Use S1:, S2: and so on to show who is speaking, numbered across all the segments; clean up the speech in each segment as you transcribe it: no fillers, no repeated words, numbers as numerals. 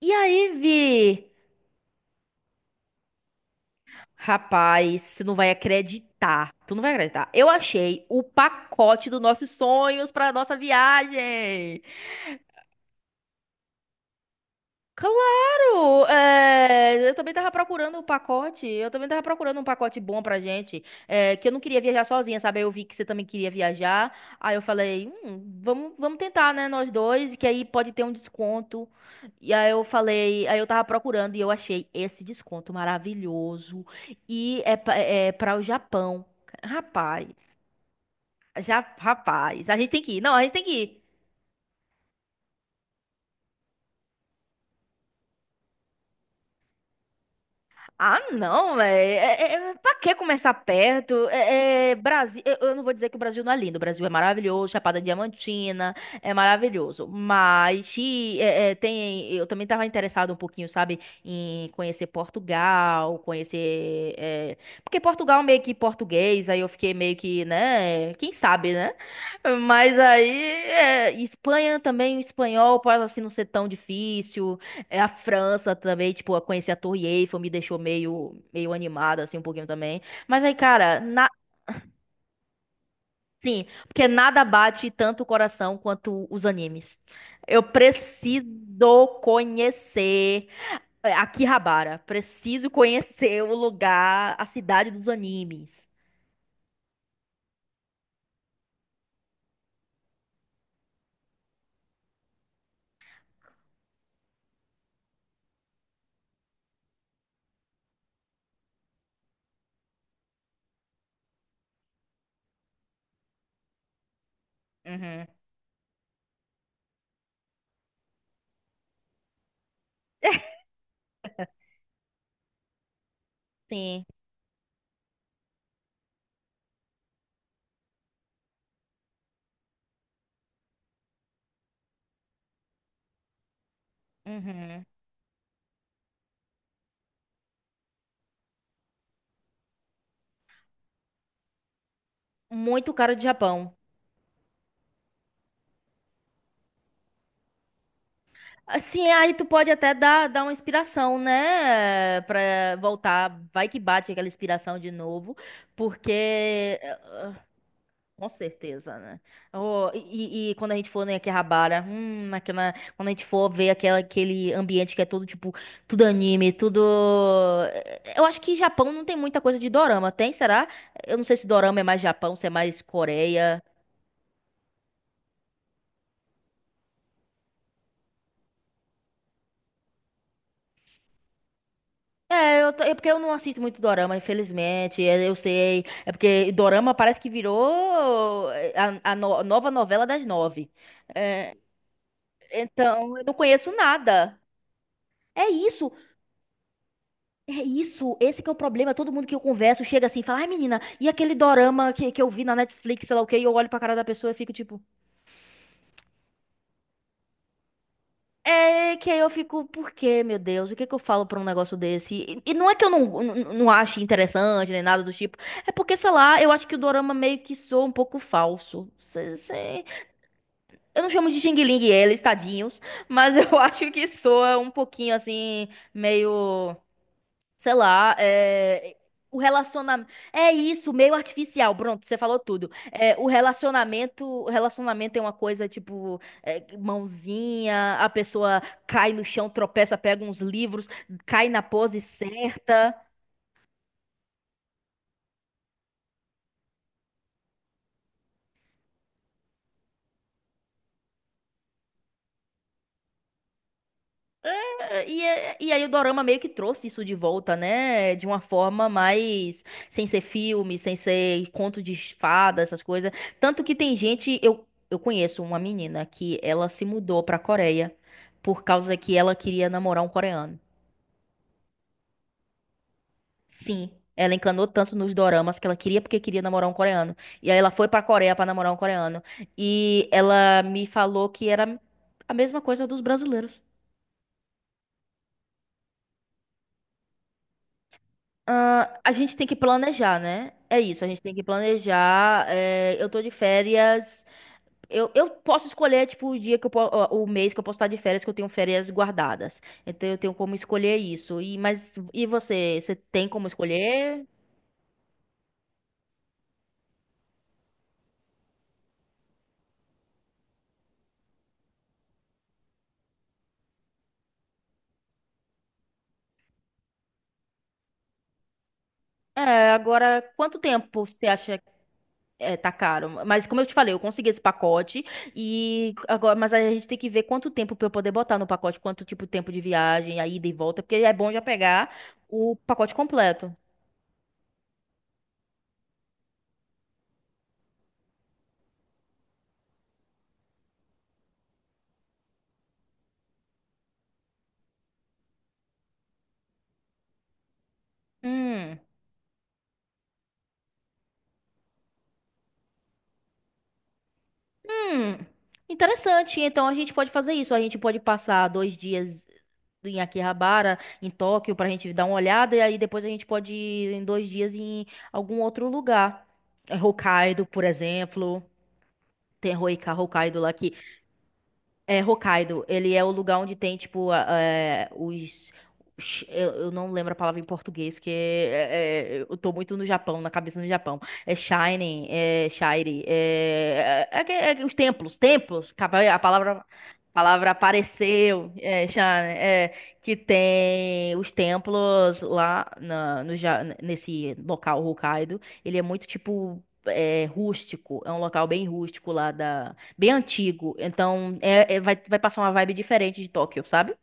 S1: E aí, Vi? Rapaz, tu não vai acreditar. Tu não vai acreditar. Eu achei o pacote dos nossos sonhos pra nossa viagem. Claro! Eu também tava procurando o pacote. Eu também tava procurando um pacote bom pra gente. Que eu não queria viajar sozinha, sabe? Eu vi que você também queria viajar. Aí eu falei, "Vamos tentar, né? Nós dois, que aí pode ter um desconto." E aí eu falei, aí eu tava procurando e eu achei esse desconto maravilhoso. E é para o Japão. Rapaz, já, rapaz, a gente tem que ir. Não, a gente tem que ir. Ah, não, velho. Pra que começar perto? Brasil, eu não vou dizer que o Brasil não é lindo. O Brasil é maravilhoso, Chapada Diamantina é maravilhoso. Mas eu também estava interessado um pouquinho, sabe, em conhecer Portugal, conhecer, porque Portugal é meio que português. Aí eu fiquei meio que, né? Quem sabe, né? Mas aí Espanha também, o espanhol pode assim não ser tão difícil. É a França também, tipo, eu conheci a Torre Eiffel, me deixou meio, meio animada, assim, um pouquinho também. Mas aí, cara. Sim, porque nada bate tanto o coração quanto os animes. Eu preciso conhecer Akihabara. Preciso conhecer o lugar, a cidade dos animes. Uhum. Sim. Uhum. Muito cara de Japão. Assim, aí tu pode até dar uma inspiração, né? Pra voltar. Vai que bate aquela inspiração de novo. Porque. eh, ah, Com certeza, né? Oh, e quando a gente for em Akihabara, naquela, quando a gente for ver aquele ambiente que é todo tipo, tudo anime, tudo. Eu acho que Japão não tem muita coisa de dorama, tem? Será? Eu não sei se dorama é mais Japão, se é mais Coreia. É porque eu não assisto muito dorama, infelizmente. Eu sei. É porque dorama parece que virou eh, a no- nova novela das nove. É, então, eu não conheço nada. É isso, é isso. Esse que é o problema. Todo mundo que eu converso chega assim e fala: "Ai, menina, e aquele dorama que eu vi na Netflix, sei lá o quê?" E eu olho pra cara da pessoa e fico tipo. É que aí eu fico, por quê, meu Deus? O que que eu falo pra um negócio desse? E não é que eu não, não, não ache interessante nem nada do tipo. É porque, sei lá, eu acho que o dorama meio que soa um pouco falso. Cê- cê- Eu não chamo de Xing Ling eles, tadinhos. Mas eu acho que soa um pouquinho assim, meio sei lá, o relacionamento. É isso, meio artificial. Pronto, você falou tudo. É, o relacionamento é uma coisa tipo mãozinha, a pessoa cai no chão, tropeça, pega uns livros, cai na pose certa. E aí o dorama meio que trouxe isso de volta, né? De uma forma mais sem ser filme, sem ser conto de fada, essas coisas. Tanto que tem gente, eu conheço uma menina que ela se mudou pra Coreia por causa que ela queria namorar um coreano. Sim, ela encanou tanto nos doramas que ela queria porque queria namorar um coreano. E aí ela foi pra Coreia pra namorar um coreano. E ela me falou que era a mesma coisa dos brasileiros. Ah, a gente tem que planejar, né? É isso, a gente tem que planejar. Eu tô de férias. Eu posso escolher, tipo, o mês que eu posso estar de férias, que eu tenho férias guardadas. Então eu tenho como escolher isso. Mas e você? Você tem como escolher? Agora, quanto tempo você acha que tá caro? Mas como eu te falei, eu consegui esse pacote e agora, mas a gente tem que ver quanto tempo pra eu poder botar no pacote, quanto tipo tempo de viagem, a ida e volta, porque é bom já pegar o pacote completo. Hum, hum, interessante. Então a gente pode fazer isso. A gente pode passar 2 dias em Akihabara, em Tóquio, pra gente dar uma olhada. E aí depois a gente pode ir em 2 dias em algum outro lugar. É Hokkaido, por exemplo. Tem Hokkaido lá que É, Hokkaido, ele é o lugar onde tem, tipo, a- é, os- Eu não lembro a palavra em português, porque eu tô muito no Japão, na cabeça no Japão. É Shining, é Shire, é que os templos, capa- a palavra apareceu, Shine, é, que tem os templos lá na, no, Ja- nesse local Hokkaido. Ele é muito, tipo, rústico, é um local bem rústico lá bem antigo. Então, vai passar uma vibe diferente de Tóquio, sabe?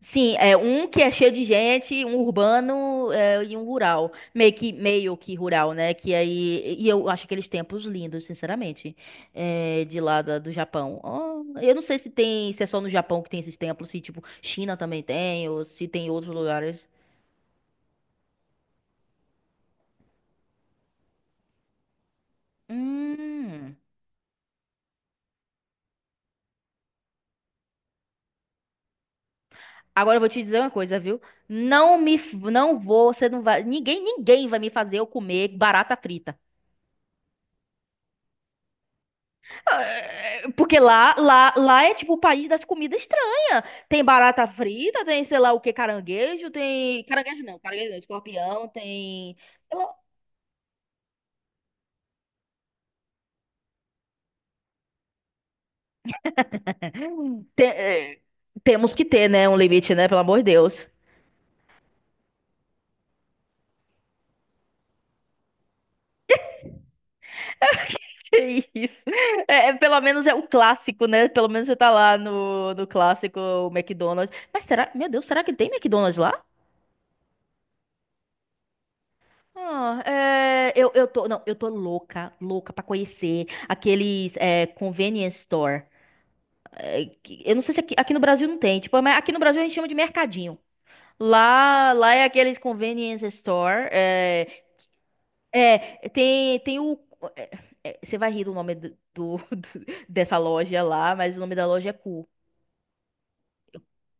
S1: Sim, é um que é cheio de gente, um urbano, e um rural. Meio que rural, né? Que aí. E eu acho aqueles templos lindos, sinceramente. De lá do Japão. Oh, eu não sei se tem, se é só no Japão que tem esses templos, se tipo, China também tem, ou se tem em outros lugares. Hum. Agora eu vou te dizer uma coisa, viu? Não me, f- não vou, você não vai, ninguém, ninguém vai me fazer eu comer barata frita. É. Porque lá, lá é tipo o país das comidas estranhas. Tem barata frita, tem sei lá o que, caranguejo, tem. Caranguejo não, escorpião, tem. Sei lá, hum, tem- é, temos que ter, né? Um limite, né? Pelo amor de Deus. Que isso. Pelo menos é o clássico, né? Pelo menos você tá lá no, no clássico o McDonald's. Mas será, meu Deus, será que tem McDonald's lá? Ah, é, eu tô, não, eu tô louca, louca pra conhecer aqueles convenience store. Eu não sei se aqui, aqui no Brasil não tem, tipo, mas aqui no Brasil a gente chama de mercadinho. Lá, lá é aqueles convenience store. Tem o. é, Você vai rir do nome do, dessa loja lá, mas o nome da loja é Cu.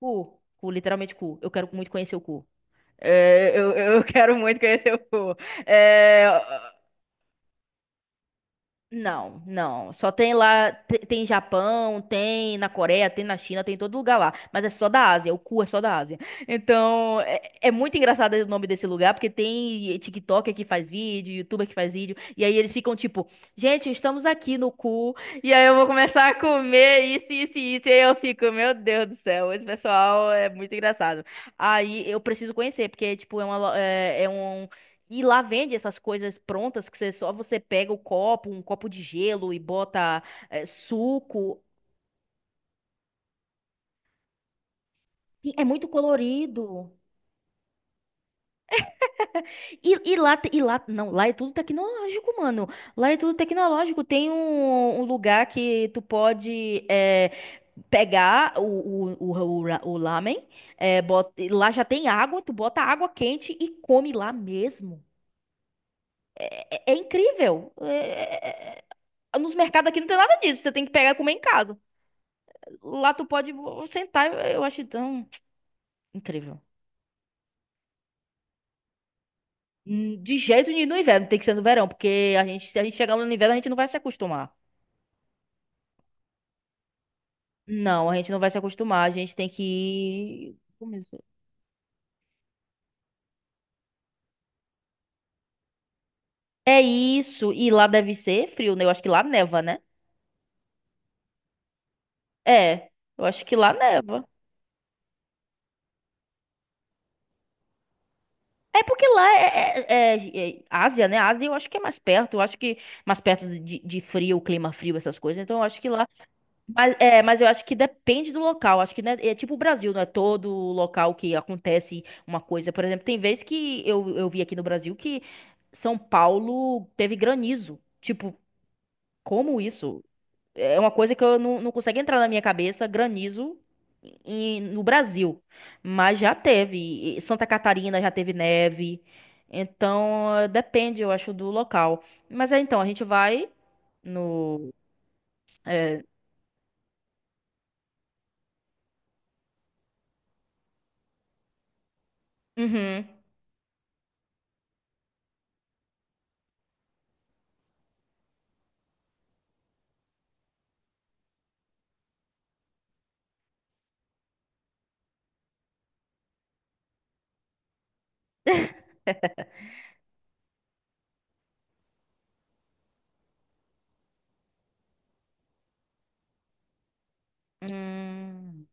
S1: Cu, Cu, literalmente Cu. Eu quero muito conhecer o Cu. Eu quero muito conhecer o Cu. É, Não, não. Só tem lá, tem Japão, tem na Coreia, tem na China, tem em todo lugar lá. Mas é só da Ásia, o cu é só da Ásia. Então, é muito engraçado o nome desse lugar, porque tem TikToker que faz vídeo, YouTuber que faz vídeo, e aí eles ficam tipo, gente, estamos aqui no cu, e aí eu vou começar a comer isso, isso, e isso, e aí eu fico, meu Deus do céu, esse pessoal é muito engraçado. Aí eu preciso conhecer, porque, tipo, é uma, lo- é é um. E lá vende essas coisas prontas que você- só você pega o copo, um copo de gelo e bota suco. Sim, é muito colorido. E lá, não, lá é tudo tecnológico, mano. Lá é tudo tecnológico. Tem um, um lugar que tu pode pegar o lamen, e lá já tem água, tu bota água quente e come lá mesmo. É incrível. Nos mercados aqui não tem nada disso, você tem que pegar e comer em casa. Lá tu pode sentar, eu acho tão incrível. De jeito nenhum no inverno, tem que ser no verão, porque a gente, se a gente chegar lá no inverno, a gente não vai se acostumar. Não, a gente não vai se acostumar, a gente tem que ir- Começou. É isso, e lá deve ser frio, né? Eu acho que lá neva, né? É, eu acho que lá neva. É porque lá é Ásia, né? Ásia eu acho que é mais perto, eu acho que mais perto de frio, clima frio, essas coisas. Então eu acho que lá. Mas eu acho que depende do local. Acho que né, tipo o Brasil, não é todo local que acontece uma coisa. Por exemplo, tem vezes que eu vi aqui no Brasil que São Paulo teve granizo. Tipo, como isso? É uma coisa que eu não consigo entrar na minha cabeça, granizo em- no Brasil. Mas já teve. E Santa Catarina já teve neve. Então, depende, eu acho, do local. Mas é, então, a gente vai no. é, uhum. Hum.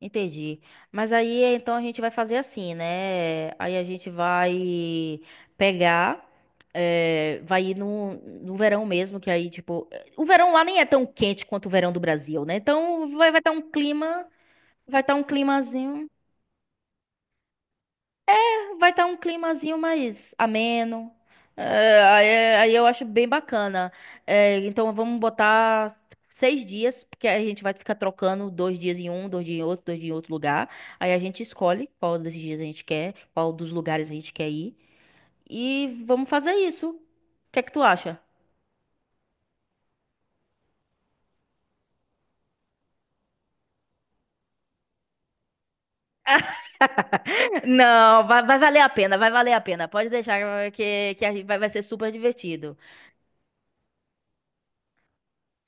S1: Entendi. Mas aí então a gente vai fazer assim, né? Aí a gente vai pegar, vai ir no, no verão mesmo, que aí, tipo, o verão lá nem é tão quente quanto o verão do Brasil, né? Então vai estar um clima, vai estar um climazinho. Vai estar um climazinho mais ameno. É, aí eu acho bem bacana. É, então vamos botar 6 dias, porque aí a gente vai ficar trocando 2 dias em um, 2 dias em outro, 2 dias em outro lugar. Aí a gente escolhe qual desses dias a gente quer, qual dos lugares a gente quer ir. E vamos fazer isso. O que é que tu acha? Não, vai valer a pena, vai valer a pena. Pode deixar que a gente vai ser super divertido.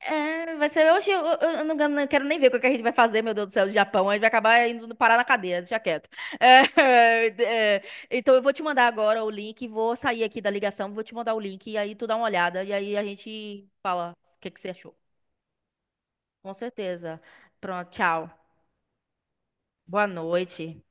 S1: É, vai ser. Oxe, eu não quero nem ver o que que a gente vai fazer, meu Deus do céu, do Japão. A gente vai acabar indo parar na cadeia, deixa quieto. É, é, então eu vou te mandar agora o link, vou sair aqui da ligação, vou te mandar o link, e aí tu dá uma olhada, e aí a gente fala o que que você achou. Com certeza. Pronto, tchau. Boa noite.